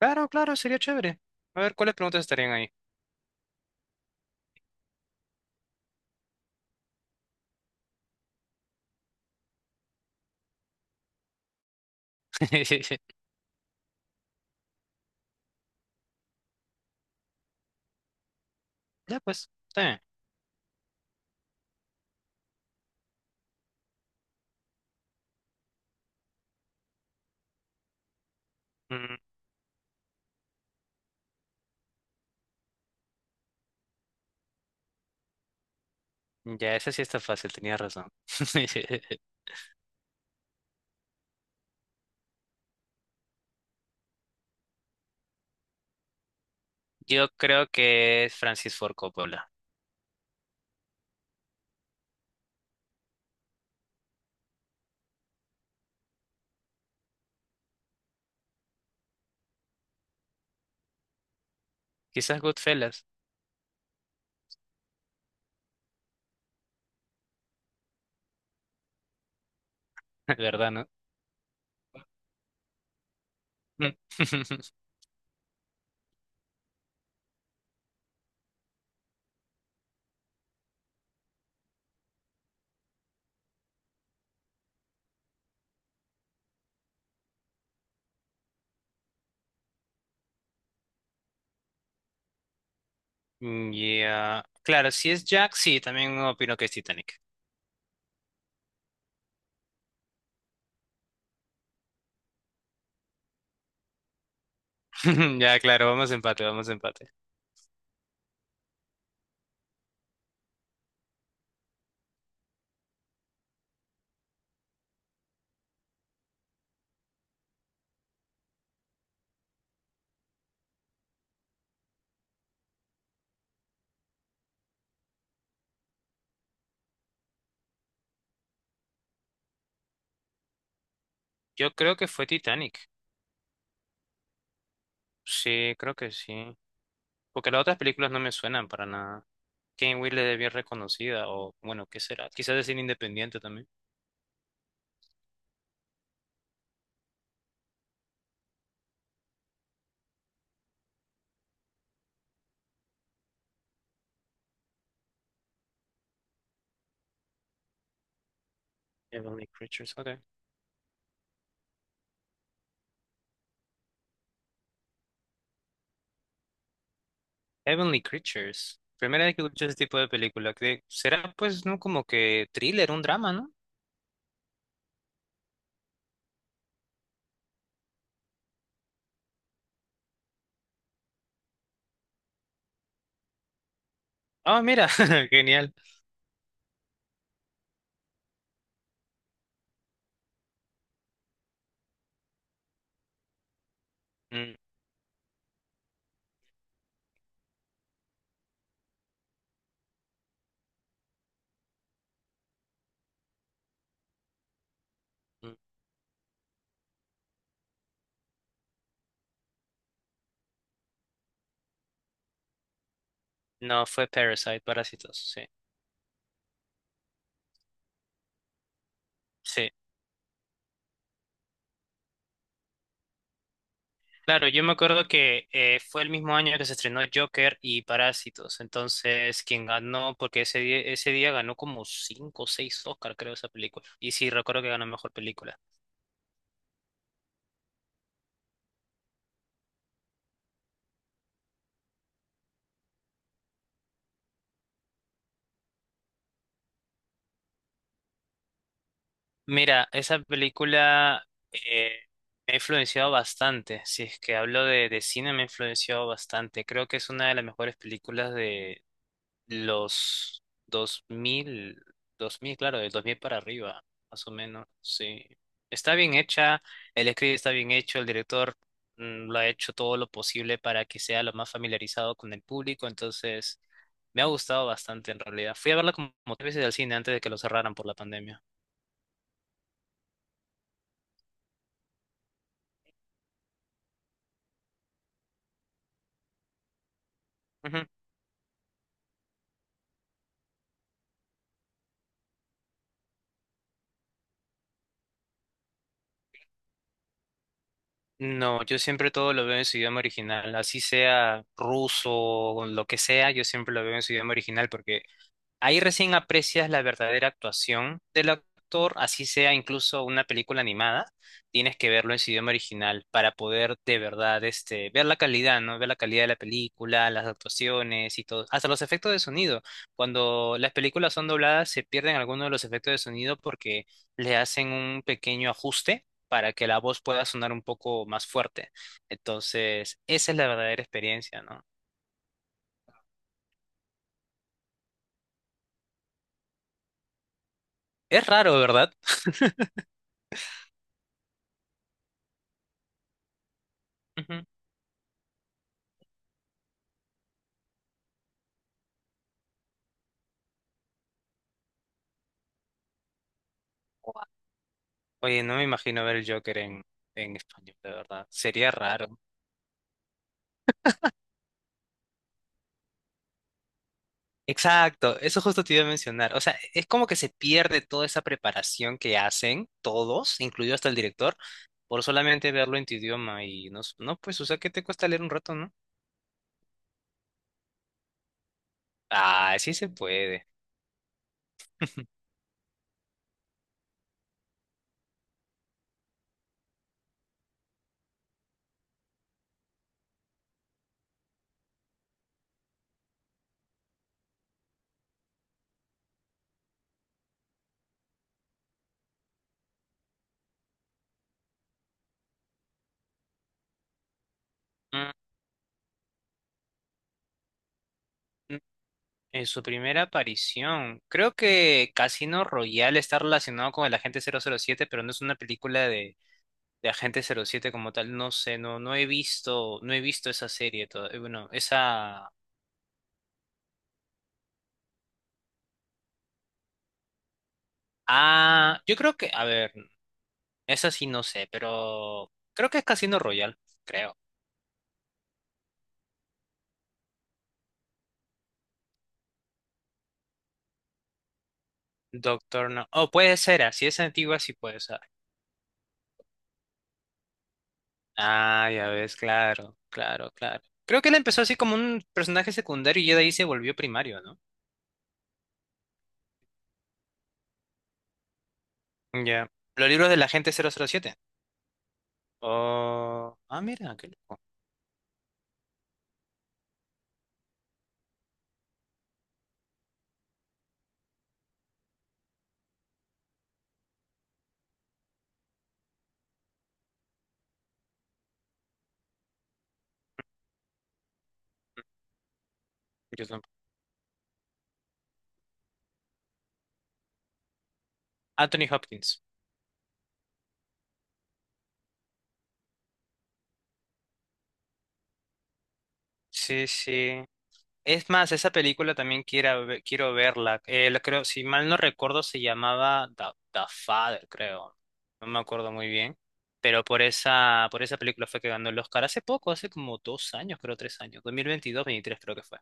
Claro, claro, sería chévere. A ver, ¿cuáles preguntas estarían ahí? Ya, pues, está bien. Ya, esa sí está fácil, tenía razón. Yo creo que es Francis Ford Coppola. Quizás Goodfellas, ¿verdad, no? Mm. Ya, claro, si es Jack, sí, también opino que es Titanic. Ya, claro, vamos a empate, vamos a empate. Yo creo que fue Titanic. Sí, creo que sí. Porque las otras películas no me suenan para nada. Kane Will es bien reconocida, o bueno, ¿qué será? Quizás decir independiente también. Heavenly Creatures, ok. Heavenly Creatures. Primera vez que escucho ese tipo de película. Que será pues no como que thriller, un drama, ¿no? Ah, mira, genial. Mm, mm. No, fue Parasite, Parásitos, sí. Sí. Claro, yo me acuerdo que fue el mismo año que se estrenó Joker y Parásitos. Entonces, quien ganó, porque ese día ganó como cinco o seis Oscar, creo, esa película. Y sí, recuerdo que ganó mejor película. Mira, esa película eh, me ha influenciado bastante. Si es que hablo de cine, me ha influenciado bastante. Creo que es una de las mejores películas de los dos mil, dos mil, claro, del 2000 para arriba, más o menos. Sí. Está bien hecha, el script está bien hecho, el director lo ha hecho todo lo posible para que sea lo más familiarizado con el público. Entonces, me ha gustado bastante en realidad. Fui a verla como tres veces al cine antes de que lo cerraran por la pandemia. No, yo siempre todo lo veo en su idioma original, así sea ruso o lo que sea, yo siempre lo veo en su idioma original porque ahí recién aprecias la verdadera actuación del actor, así sea incluso una película animada, tienes que verlo en su idioma original para poder de verdad, ver la calidad, ¿no? Ver la calidad de la película, las actuaciones y todo, hasta los efectos de sonido. Cuando las películas son dobladas se pierden algunos de los efectos de sonido porque le hacen un pequeño ajuste para que la voz pueda sonar un poco más fuerte. Entonces, esa es la verdadera experiencia, ¿no? Es raro, ¿verdad? Ujú. Oye, no me imagino ver el Joker en español, de verdad. Sería raro. Exacto, eso justo te iba a mencionar. O sea, es como que se pierde toda esa preparación que hacen todos, incluido hasta el director, por solamente verlo en tu idioma y no, no, pues, o sea, ¿qué te cuesta leer un rato, no? Ah, sí se puede. Mm, mm. En su primera aparición, creo que Casino Royale está relacionado con el agente 007, pero no es una película de Agente cero siete como tal, no sé, no, no he visto, no he visto esa serie todavía. Bueno, esa. Ah, yo creo que, a ver, esa sí no sé, pero creo que es Casino Royale, creo. Doctor No. Oh, puede ser, así es antigua, sí puede ser. Ah, ya ves, claro, claro, claro. Creo que él empezó así como un personaje secundario y ya de ahí se volvió primario, ¿no? Ya. Los libros del agente 007. Oh, ah, mira, qué loco. Yo tampoco. Anthony Hopkins. Sí, sí. Es más, esa película también quiero verla. La creo, si mal no recuerdo, se llamaba The Father, creo. No me acuerdo muy bien. Pero por esa película fue que ganó el Oscar hace poco, hace como 2 años, creo, 3 años. 2022, 23 creo que fue.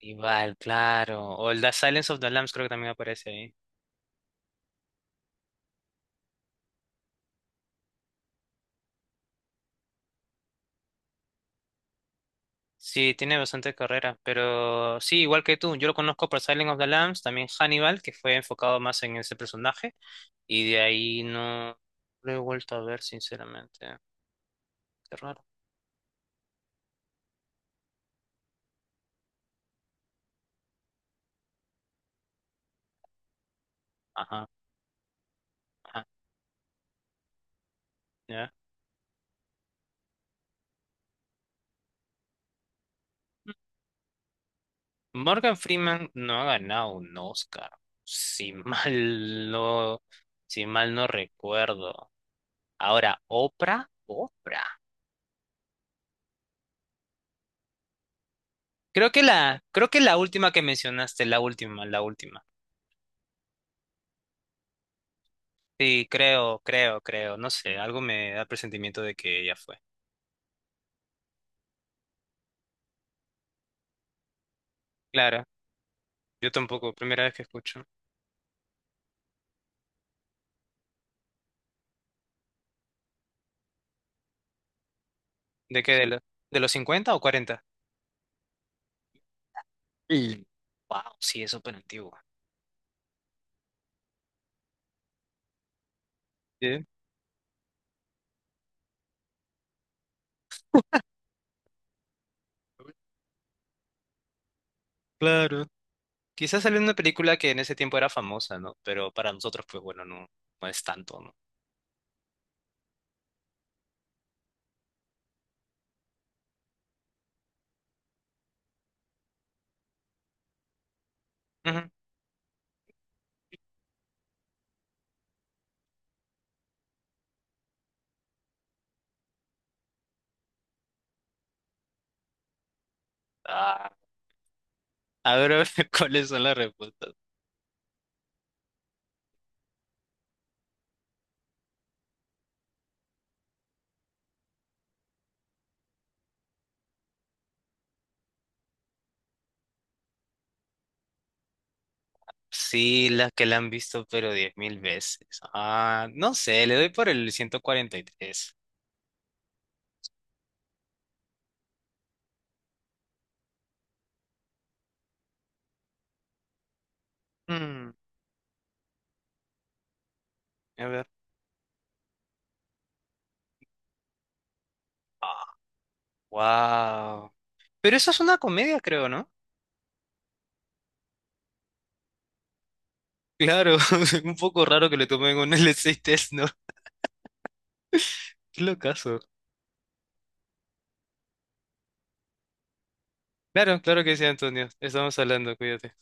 Igual, claro. O el The Silence of the Lambs creo que también aparece ahí. Sí, tiene bastante carrera, pero sí, igual que tú, yo lo conozco por Silent of the Lambs, también Hannibal, que fue enfocado más en ese personaje, y de ahí no lo he vuelto a ver, sinceramente. Qué raro. Ajá, ajá, ya. Morgan Freeman no ha ganado un Oscar, si mal no, si mal no recuerdo. Ahora, Oprah, Oprah. Creo que la última que mencionaste, la última, la última. Sí, creo, no sé, algo me da presentimiento de que ella fue. Clara, yo tampoco, primera vez que escucho. ¿De qué? ¿De los 50 o 40? Y wow, sí, es súper antiguo. Sí, claro. Quizás salió en una película que en ese tiempo era famosa, ¿no? Pero para nosotros, pues bueno, no, no es tanto, ¿no? Ujú. Ah, a ver, ¿cuáles son las respuestas? Sí, las que la han visto, pero 10.000 veces. Ah, no sé, le doy por el 143. Mm, a ver. Wow. Pero eso es una comedia, creo, ¿no? Claro, un poco raro que le tomen un LC test, ¿no? Qué locazo. Claro, claro que sí, Antonio. Estamos hablando, cuídate.